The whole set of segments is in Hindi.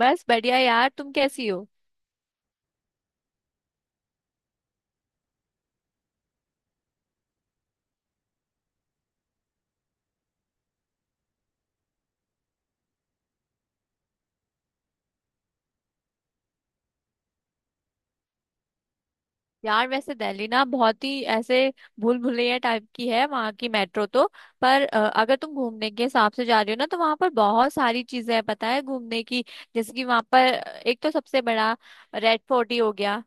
बस बढ़िया यार। तुम कैसी हो? यार वैसे दिल्ली ना बहुत ही ऐसे भूल भुलैया टाइप की है, वहाँ की मेट्रो तो। पर अगर तुम घूमने के हिसाब से जा रही हो ना तो वहाँ पर बहुत सारी चीजें हैं पता है, घूमने की। जैसे कि वहाँ पर एक तो सबसे बड़ा रेड फोर्ट ही हो गया,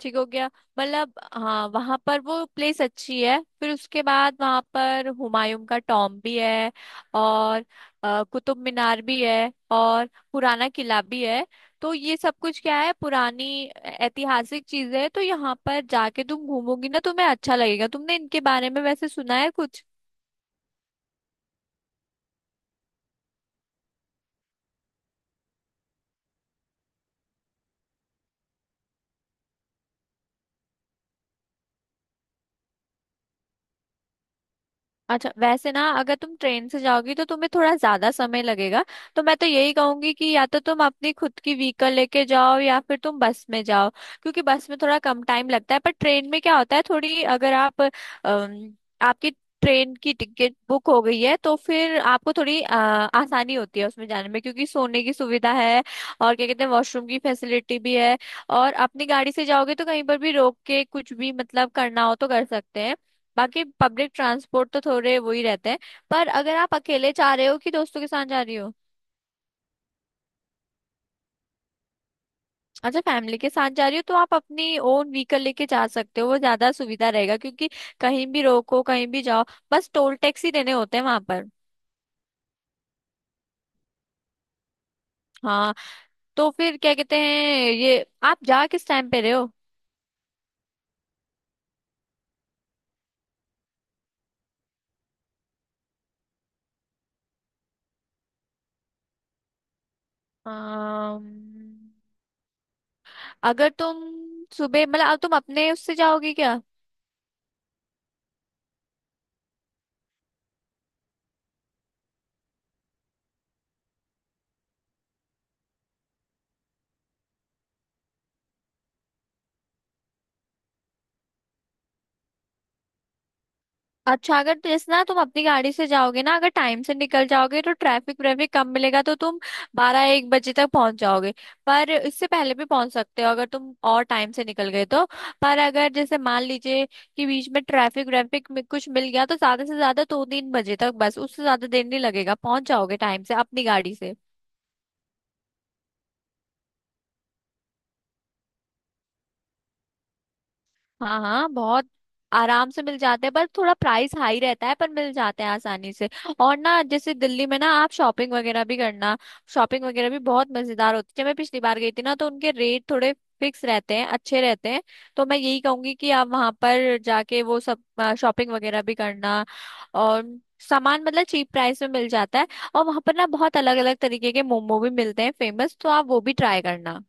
ठीक हो गया। मतलब हाँ, वहां पर वो प्लेस अच्छी है। फिर उसके बाद वहां पर हुमायूं का टॉम भी है, और कुतुब मीनार भी है, और पुराना किला भी है। तो ये सब कुछ क्या है, पुरानी ऐतिहासिक चीजें है, तो यहाँ पर जाके तुम घूमोगी ना तुम्हें अच्छा लगेगा। तुमने इनके बारे में वैसे सुना है कुछ? अच्छा वैसे ना, अगर तुम ट्रेन से जाओगी तो तुम्हें थोड़ा ज्यादा समय लगेगा। तो मैं तो यही कहूंगी कि या तो तुम अपनी खुद की व्हीकल लेके जाओ, या फिर तुम बस में जाओ। क्योंकि बस में थोड़ा कम टाइम लगता है, पर ट्रेन में क्या होता है, थोड़ी अगर आप अम, आपकी ट्रेन की टिकट बुक हो गई है तो फिर आपको थोड़ी आसानी होती है उसमें जाने में, क्योंकि सोने की सुविधा है, और क्या कहते हैं वॉशरूम की फैसिलिटी भी है। और अपनी गाड़ी से जाओगे तो कहीं पर भी रोक के कुछ भी मतलब करना हो तो कर सकते हैं। बाकी पब्लिक ट्रांसपोर्ट तो थोड़े वो ही रहते हैं। पर अगर आप अकेले जा रहे हो कि दोस्तों के साथ जा रही हो। अच्छा, फैमिली के साथ जा रही हो तो आप अपनी ओन व्हीकल लेके जा सकते हो, वो ज्यादा सुविधा रहेगा, क्योंकि कहीं भी रोको कहीं भी जाओ। बस टोल टैक्स ही देने होते हैं वहां पर। हाँ, तो फिर क्या कहते हैं, ये आप जा किस टाइम पे रहे हो? अम, अगर तुम सुबह मतलब, अब तुम अपने उससे जाओगी क्या? अच्छा, अगर तो इस ना तुम अपनी गाड़ी से जाओगे ना, अगर टाइम से निकल जाओगे तो ट्रैफिक व्रैफिक कम मिलेगा, तो तुम बारह एक बजे तक पहुंच जाओगे। पर इससे पहले भी पहुंच सकते हो अगर तुम और टाइम से निकल गए तो। पर अगर जैसे मान लीजिए कि बीच में ट्रैफिक व्रैफिक में कुछ मिल गया तो ज्यादा से ज्यादा दो तीन बजे तक बस, उससे ज्यादा देर नहीं लगेगा, पहुंच जाओगे टाइम से अपनी गाड़ी से। हाँ हाँ, बहुत आराम से मिल जाते हैं, पर थोड़ा प्राइस हाई रहता है, पर मिल जाते हैं आसानी से। और ना, जैसे दिल्ली में ना आप शॉपिंग वगैरह भी करना। शॉपिंग वगैरह भी बहुत मजेदार होती है, जब मैं पिछली बार गई थी ना तो उनके रेट थोड़े फिक्स रहते हैं, अच्छे रहते हैं। तो मैं यही कहूंगी कि आप वहां पर जाके वो सब शॉपिंग वगैरह भी करना। और सामान मतलब चीप प्राइस में मिल जाता है। और वहां पर ना बहुत अलग अलग तरीके के मोमो भी मिलते हैं फेमस, तो आप वो भी ट्राई करना।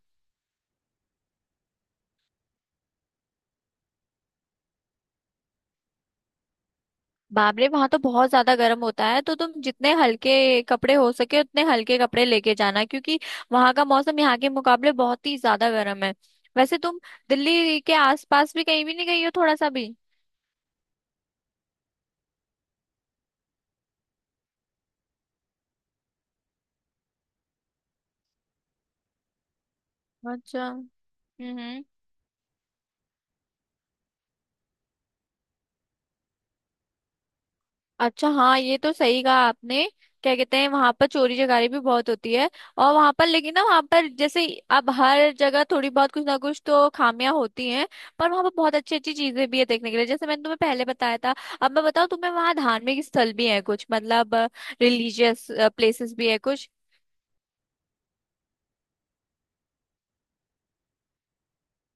बाप रे, वहां तो बहुत ज्यादा गर्म होता है, तो तुम जितने हल्के कपड़े हो सके उतने हल्के कपड़े लेके जाना, क्योंकि वहां का मौसम यहाँ के मुकाबले बहुत ही ज्यादा गर्म है। वैसे तुम दिल्ली के आसपास भी कहीं भी नहीं गई हो, थोड़ा सा भी? अच्छा। हम्म। अच्छा हाँ, ये तो सही कहा आपने। क्या कहते हैं, वहां पर चोरी चकारी भी बहुत होती है। और वहां पर लेकिन ना, वहां पर जैसे, अब हर जगह थोड़ी बहुत कुछ ना कुछ तो खामियां होती हैं। पर वहां पर बहुत अच्छी अच्छी चीजें भी है देखने के लिए, जैसे मैंने तुम्हें पहले बताया था। अब मैं बताऊँ तुम्हें, वहां धार्मिक स्थल भी है कुछ, मतलब रिलीजियस प्लेसेस भी है कुछ।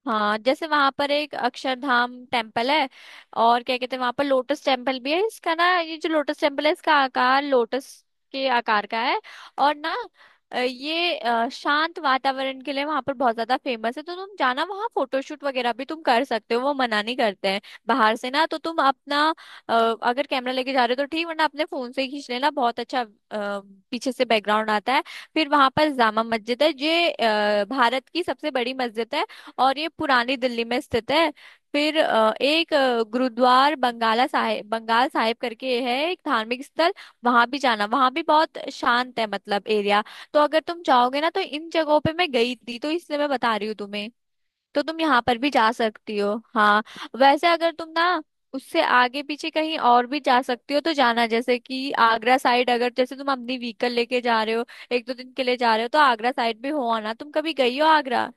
हाँ, जैसे वहां पर एक अक्षरधाम टेम्पल है, और क्या कहते हैं वहां पर लोटस टेम्पल भी है। इसका ना, ये जो लोटस टेम्पल है इसका आकार लोटस के आकार का है। और ना ये शांत वातावरण के लिए वहां पर बहुत ज्यादा फेमस है, तो तुम जाना वहां, फोटोशूट वगैरह भी तुम कर सकते हो, वो मना नहीं करते हैं बाहर से ना। तो तुम अपना, अ, अगर कैमरा लेके जा रहे हो तो ठीक, वरना अपने फोन से ही खींच लेना, बहुत अच्छा पीछे से बैकग्राउंड आता है। फिर वहां पर जामा मस्जिद है, ये भारत की सबसे बड़ी मस्जिद है, और ये पुरानी दिल्ली में स्थित है। फिर एक गुरुद्वार बंगाला साहिब बंगाल साहिब करके है, एक धार्मिक स्थल, वहां भी जाना, वहां भी बहुत शांत है मतलब एरिया। तो अगर तुम चाहोगे ना तो इन जगहों पे मैं गई थी तो इसलिए मैं बता रही हूँ तुम्हें, तो तुम यहाँ पर भी जा सकती हो। हाँ, वैसे अगर तुम ना उससे आगे पीछे कहीं और भी जा सकती हो तो जाना, जैसे कि आगरा साइड, अगर जैसे तुम अपनी व्हीकल लेके जा रहे हो, एक दो दिन के लिए जा रहे हो तो आगरा साइड भी हो आना। तुम कभी गई हो आगरा?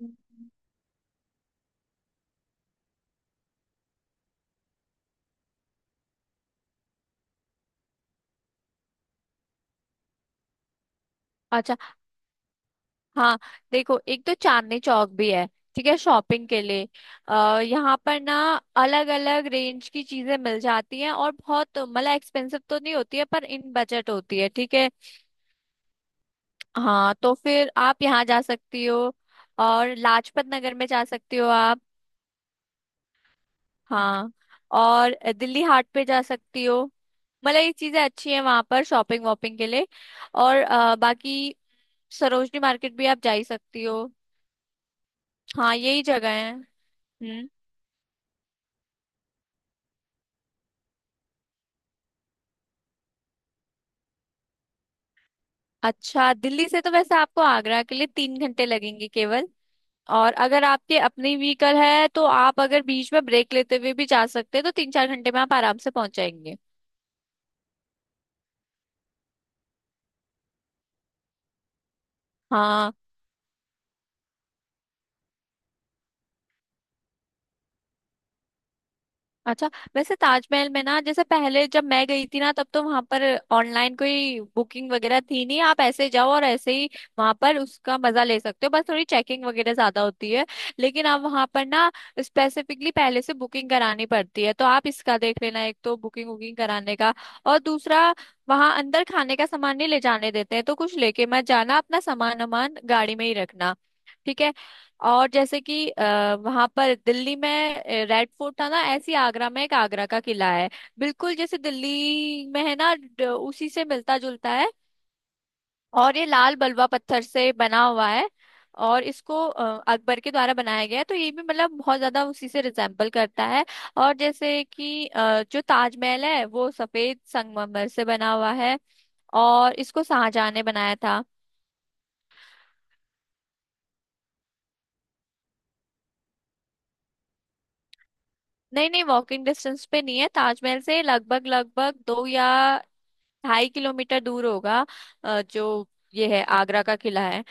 हम्म। अच्छा हाँ, देखो एक तो चांदनी चौक भी है, ठीक है शॉपिंग के लिए। अ यहाँ पर ना अलग अलग रेंज की चीजें मिल जाती हैं, और बहुत मतलब एक्सपेंसिव तो नहीं होती है, पर इन बजट होती है, ठीक है। हाँ, तो फिर आप यहाँ जा सकती हो, और लाजपत नगर में जा सकती हो आप। हाँ, और दिल्ली हाट पे जा सकती हो, मतलब ये चीजें अच्छी हैं वहां पर शॉपिंग वॉपिंग के लिए। और बाकी सरोजनी मार्केट भी आप जा ही सकती हो। हाँ यही जगह है। हम्म। अच्छा, दिल्ली से तो वैसे आपको आगरा के लिए 3 घंटे लगेंगे केवल। और अगर आपके अपनी व्हीकल है तो आप अगर बीच में ब्रेक लेते हुए भी जा सकते हैं, तो 3-4 घंटे में आप आराम से पहुंच जाएंगे। हाँ। अच्छा वैसे ताजमहल में ना, जैसे पहले जब मैं गई थी ना तब तो वहां पर ऑनलाइन कोई बुकिंग वगैरह थी नहीं, आप ऐसे जाओ और ऐसे ही वहां पर उसका मजा ले सकते हो, बस थोड़ी चेकिंग वगैरह ज्यादा होती है। लेकिन अब वहां पर ना स्पेसिफिकली पहले से बुकिंग करानी पड़ती है, तो आप इसका देख लेना, एक तो बुकिंग वुकिंग कराने का, और दूसरा वहां अंदर खाने का सामान नहीं ले जाने देते हैं, तो कुछ लेके मत जाना, अपना सामान वामान गाड़ी में ही रखना, ठीक है। और जैसे कि वहां पर दिल्ली में रेड फोर्ट था ना, ऐसी आगरा में एक आगरा का किला है, बिल्कुल जैसे दिल्ली में है ना, उसी से मिलता जुलता है। और ये लाल बलुआ पत्थर से बना हुआ है, और इसको अकबर के द्वारा बनाया गया है, तो ये भी मतलब बहुत ज्यादा उसी से रिजेम्बल करता है। और जैसे कि जो ताजमहल है वो सफेद संगमरमर से बना हुआ है, और इसको शाहजहां ने बनाया था। नहीं नहीं, वॉकिंग डिस्टेंस पे नहीं है, ताजमहल से लगभग लगभग 2 या 2.5 किलोमीटर दूर होगा जो ये है आगरा का किला है।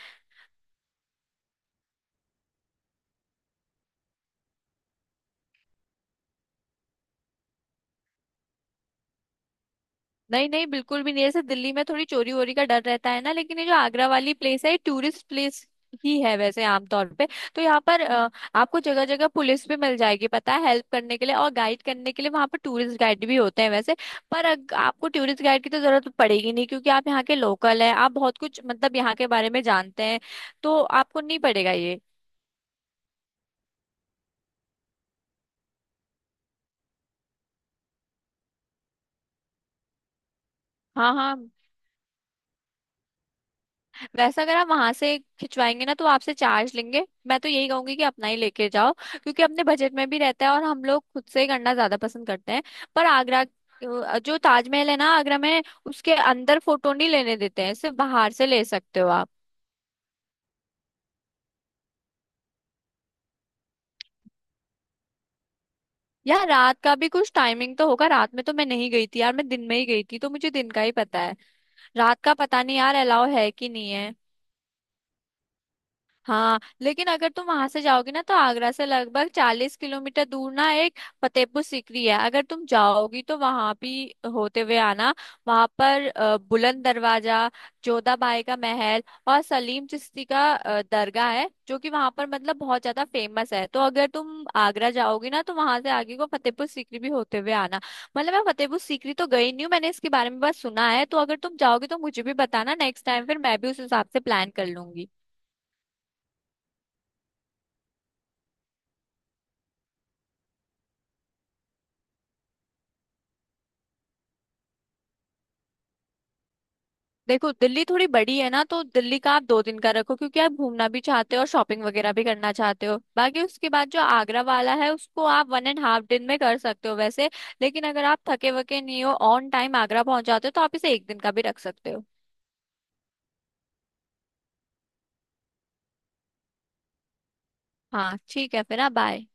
नहीं नहीं बिल्कुल भी नहीं, जैसे दिल्ली में थोड़ी चोरी वोरी का डर रहता है ना, लेकिन ये जो आगरा वाली प्लेस है ये टूरिस्ट प्लेस ही है वैसे, आमतौर पे। तो यहाँ पर आपको जगह जगह पुलिस भी मिल जाएगी पता है, हेल्प करने के लिए, और गाइड करने के लिए वहाँ पर टूरिस्ट गाइड भी होते हैं वैसे। पर आपको टूरिस्ट गाइड की तो जरूरत पड़ेगी नहीं, क्योंकि आप यहाँ के लोकल है, आप बहुत कुछ मतलब यहाँ के बारे में जानते हैं, तो आपको नहीं पड़ेगा ये। हाँ हाँ, वैसे अगर आप वहां से खिंचवाएंगे ना तो आपसे चार्ज लेंगे, मैं तो यही कहूंगी कि अपना ही लेके जाओ, क्योंकि अपने बजट में भी रहता है, और हम लोग खुद से ही करना ज्यादा पसंद करते हैं। पर आगरा, जो ताजमहल है ना आगरा में, उसके अंदर फोटो नहीं लेने देते हैं, सिर्फ बाहर से ले सकते हो आप। यार, रात का भी कुछ टाइमिंग तो होगा, रात में तो मैं नहीं गई थी यार, मैं दिन में ही गई थी तो मुझे दिन का ही पता है, रात का पता नहीं यार अलाउ है कि नहीं है। हाँ, लेकिन अगर तुम वहां से जाओगे ना, तो आगरा से लगभग 40 किलोमीटर दूर ना एक फतेहपुर सीकरी है, अगर तुम जाओगी तो वहां भी होते हुए आना। वहां पर बुलंद दरवाजा, जोधाबाई का महल, और सलीम चिश्ती का दरगाह है, जो कि वहां पर मतलब बहुत ज्यादा फेमस है, तो अगर तुम आगरा जाओगी ना तो वहां से आगे को फतेहपुर सीकरी भी होते हुए आना। मतलब मैं फतेहपुर सीकरी तो गई नहीं हूँ, मैंने इसके बारे में बस सुना है, तो अगर तुम जाओगे तो मुझे भी बताना, नेक्स्ट टाइम फिर मैं भी उस हिसाब से प्लान कर लूंगी। देखो, दिल्ली थोड़ी बड़ी है ना, तो दिल्ली का आप 2 दिन का रखो, क्योंकि आप घूमना भी चाहते हो और शॉपिंग वगैरह भी करना चाहते हो, बाकी उसके बाद जो आगरा वाला है उसको आप 1.5 दिन में कर सकते हो वैसे। लेकिन अगर आप थके वके नहीं हो, ऑन टाइम आगरा पहुंच जाते हो तो आप इसे एक दिन का भी रख सकते हो। हाँ ठीक है, फिर ना, बाय।